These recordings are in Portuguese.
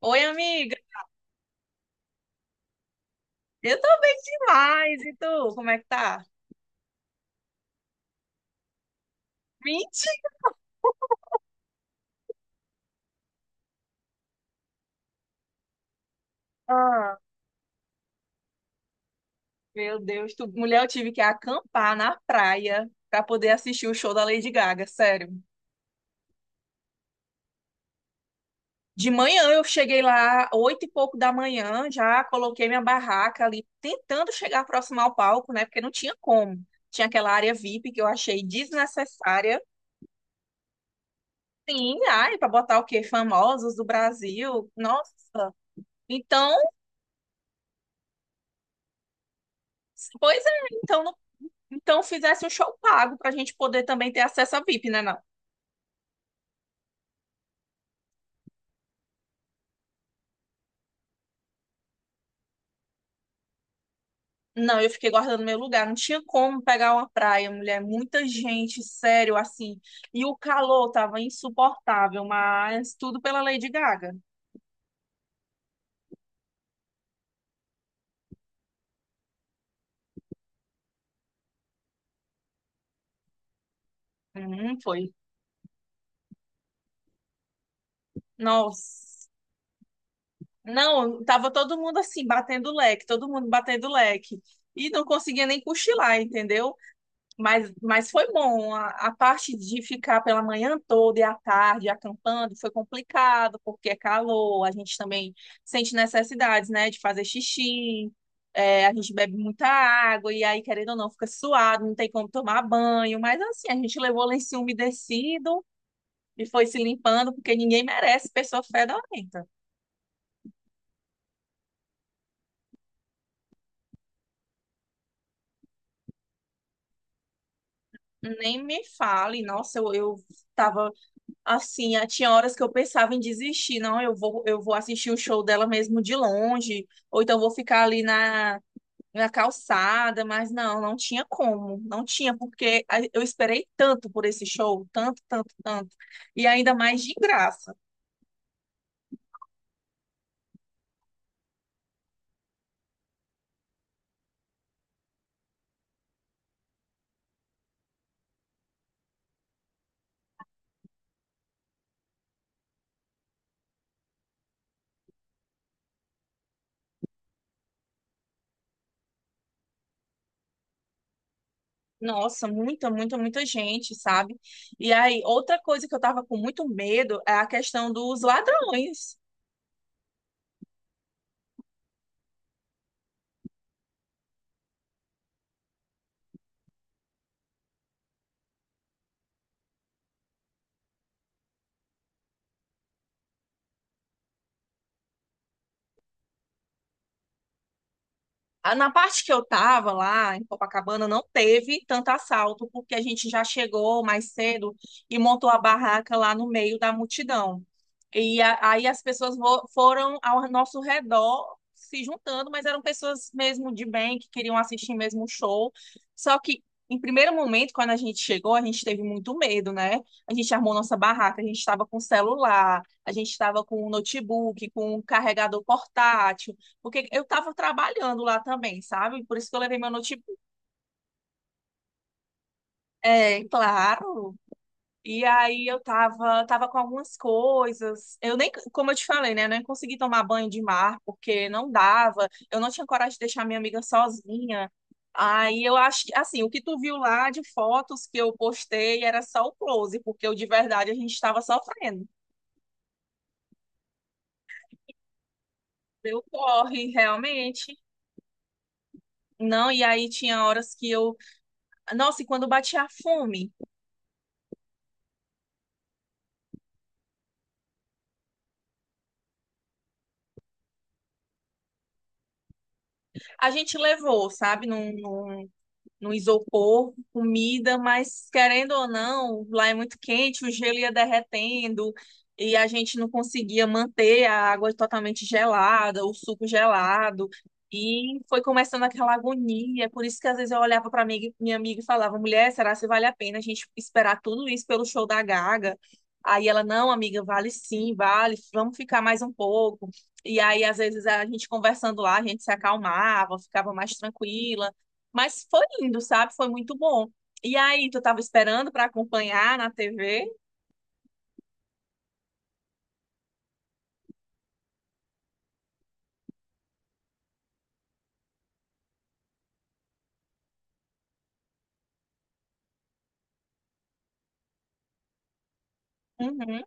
Oi, amiga. Eu tô bem demais. E tu, como é que tá? Mentira! Meu Deus, tu, mulher, eu tive que acampar na praia pra poder assistir o show da Lady Gaga, sério. De manhã eu cheguei lá, oito e pouco da manhã, já coloquei minha barraca ali, tentando chegar próximo ao palco, né? Porque não tinha como. Tinha aquela área VIP que eu achei desnecessária. Sim, ai, pra botar o quê? Famosos do Brasil. Nossa. Então, pois é, então Então fizesse um show pago pra gente poder também ter acesso a VIP, né, não? Não, eu fiquei guardando meu lugar, não tinha como pegar uma praia, mulher, muita gente, sério, assim. E o calor tava insuportável, mas tudo pela Lady Gaga. Foi. Nossa. Não, tava todo mundo assim, batendo leque, todo mundo batendo leque. E não conseguia nem cochilar, entendeu? Mas foi bom. A parte de ficar pela manhã toda e à tarde acampando foi complicado, porque é calor, a gente também sente necessidades, né, de fazer xixi, é, a gente bebe muita água, e aí, querendo ou não, fica suado, não tem como tomar banho. Mas assim, a gente levou lenço umedecido e foi se limpando, porque ninguém merece pessoa fedorenta. Nem me fale, nossa, eu tava. Assim, ah, tinha horas que eu pensava em desistir, não, eu vou assistir o show dela mesmo de longe, ou então vou ficar ali na, na calçada, mas não, não tinha como, não tinha, porque eu esperei tanto por esse show, tanto, tanto, tanto, e ainda mais de graça. Nossa, muita, muita, muita gente, sabe? E aí, outra coisa que eu tava com muito medo é a questão dos ladrões. Ah, na parte que eu tava lá em Copacabana não teve tanto assalto, porque a gente já chegou mais cedo e montou a barraca lá no meio da multidão. E aí as pessoas foram ao nosso redor se juntando, mas eram pessoas mesmo de bem, que queriam assistir mesmo o show. Só que em primeiro momento, quando a gente chegou, a gente teve muito medo, né? A gente armou nossa barraca, a gente estava com celular, a gente estava com um notebook, com um carregador portátil. Porque eu estava trabalhando lá também, sabe? Por isso que eu levei meu notebook. É, claro. E aí eu tava com algumas coisas. Eu nem, como eu te falei, né? Eu nem consegui tomar banho de mar, porque não dava. Eu não tinha coragem de deixar minha amiga sozinha. Aí eu acho que, assim, o que tu viu lá de fotos que eu postei era só o close, porque eu, de verdade a gente estava sofrendo. Deu corre, realmente. Não, e aí tinha horas que eu. Nossa, e quando batia a fome? A gente levou, sabe? Não, não, no isopor, comida, mas querendo ou não, lá é muito quente, o gelo ia derretendo e a gente não conseguia manter a água totalmente gelada, o suco gelado. E foi começando aquela agonia, por isso que às vezes eu olhava para minha amiga e falava: mulher, será que vale a pena a gente esperar tudo isso pelo show da Gaga? Aí ela: não, amiga, vale sim, vale, vamos ficar mais um pouco. E aí, às vezes, a gente conversando lá, a gente se acalmava, ficava mais tranquila, mas foi lindo, sabe? Foi muito bom. E aí, tu tava esperando pra acompanhar na TV? Uhum.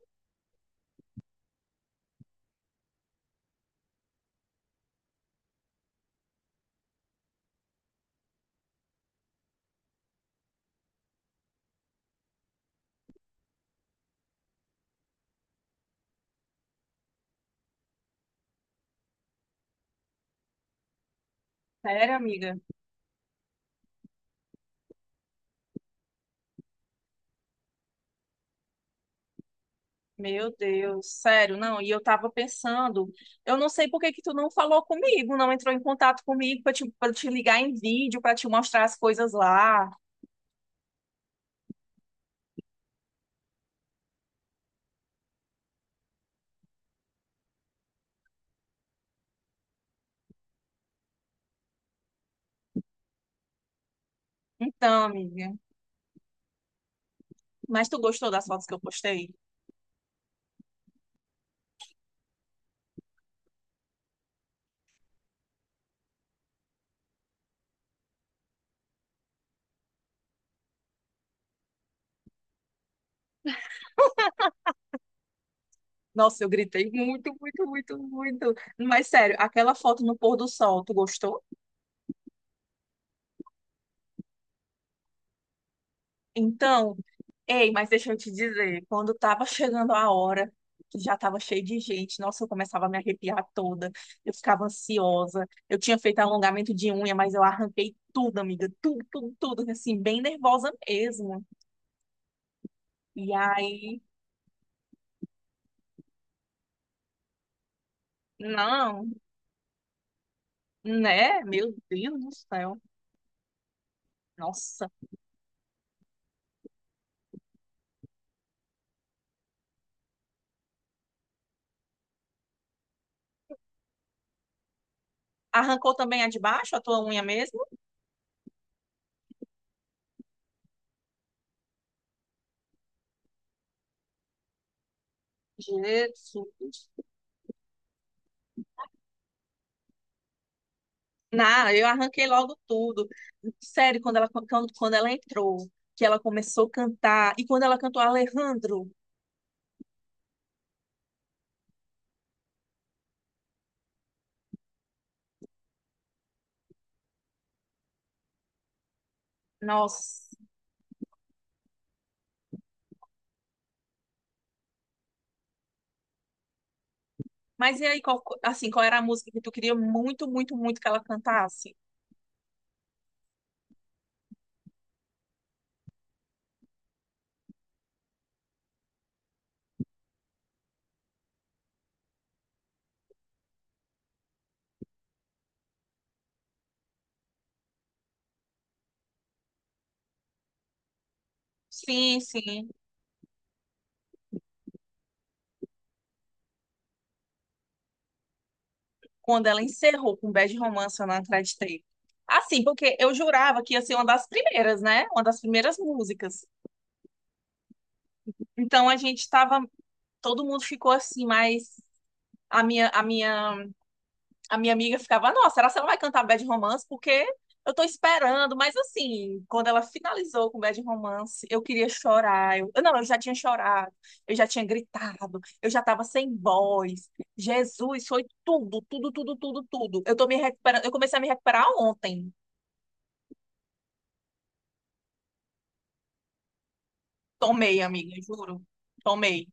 Sério, amiga? Meu Deus, sério, não. E eu tava pensando, eu não sei por que que tu não falou comigo, não entrou em contato comigo pra te ligar em vídeo, pra te mostrar as coisas lá. Então, amiga, mas tu gostou das fotos que eu postei? Nossa, eu gritei muito, muito, muito, muito. Mas sério, aquela foto no pôr do sol, tu gostou? Então, ei, mas deixa eu te dizer, quando tava chegando a hora, que já tava cheio de gente, nossa, eu começava a me arrepiar toda, eu ficava ansiosa. Eu tinha feito alongamento de unha, mas eu arranquei tudo, amiga, tudo, tudo, tudo, assim, bem nervosa mesmo. E aí, não, né? Meu Deus do céu. Nossa, arrancou também a de baixo, a tua unha mesmo? Jesus. Não, eu arranquei logo tudo. Sério, quando ela entrou, que ela começou a cantar, e quando ela cantou Alejandro, nossa. Mas e aí, qual, assim, qual era a música que tu queria muito, muito, muito que ela cantasse? Sim, sim. Quando ela encerrou com Bad Romance, eu não acreditei. Assim, porque eu jurava que ia ser uma das primeiras, né? Uma das primeiras músicas. Então a gente tava, todo mundo ficou assim, mas a minha, a minha, a minha amiga ficava, nossa, será que ela vai cantar Bad Romance? Porque eu tô esperando, mas assim, quando ela finalizou com Bad Romance, eu queria chorar. Eu não, eu já tinha chorado, eu já tinha gritado, eu já tava sem voz. Jesus, foi tudo, tudo, tudo, tudo, tudo. Eu tô me recuperando, eu comecei a me recuperar ontem. Tomei, amiga, juro. Tomei.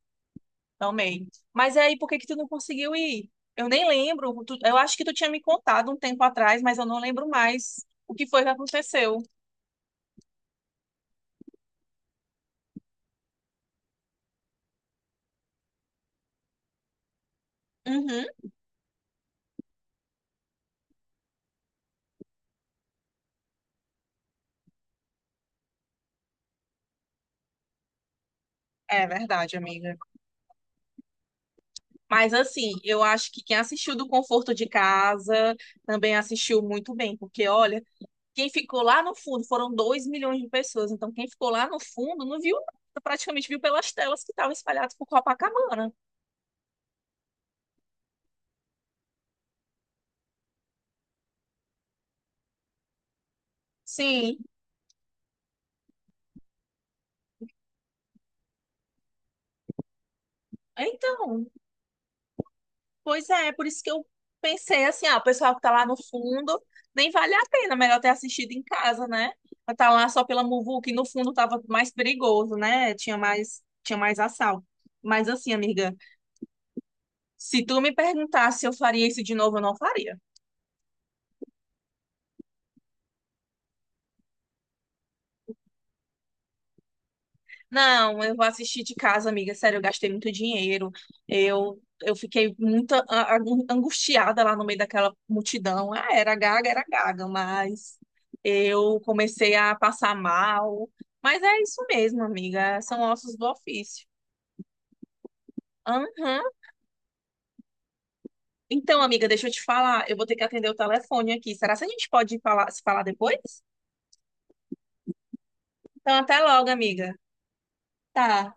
Também. Mas aí, por que que tu não conseguiu ir? Eu nem lembro. Eu acho que tu tinha me contado um tempo atrás, mas eu não lembro mais o que foi que aconteceu. Uhum, é verdade, amiga. Mas assim, eu acho que quem assistiu do conforto de casa também assistiu muito bem, porque olha, quem ficou lá no fundo foram 2 milhões de pessoas. Então, quem ficou lá no fundo não viu nada, praticamente viu pelas telas que estavam espalhadas por Copacabana. Sim. Então, pois é, por isso que eu pensei assim, ah, o pessoal que tá lá no fundo, nem vale a pena, melhor ter assistido em casa, né? Pra tá lá só pela muvuca e no fundo tava mais perigoso, né? Tinha mais assalto. Mas assim, amiga, se tu me perguntasse se eu faria isso de novo, eu não faria. Não, eu vou assistir de casa, amiga. Sério, eu gastei muito dinheiro. Eu fiquei muito angustiada lá no meio daquela multidão. Ah, era gaga, mas eu comecei a passar mal. Mas é isso mesmo, amiga. São ossos do ofício. Aham. Então, amiga, deixa eu te falar. Eu vou ter que atender o telefone aqui. Será que a gente pode falar, se falar depois? Então, até logo, amiga. Tá.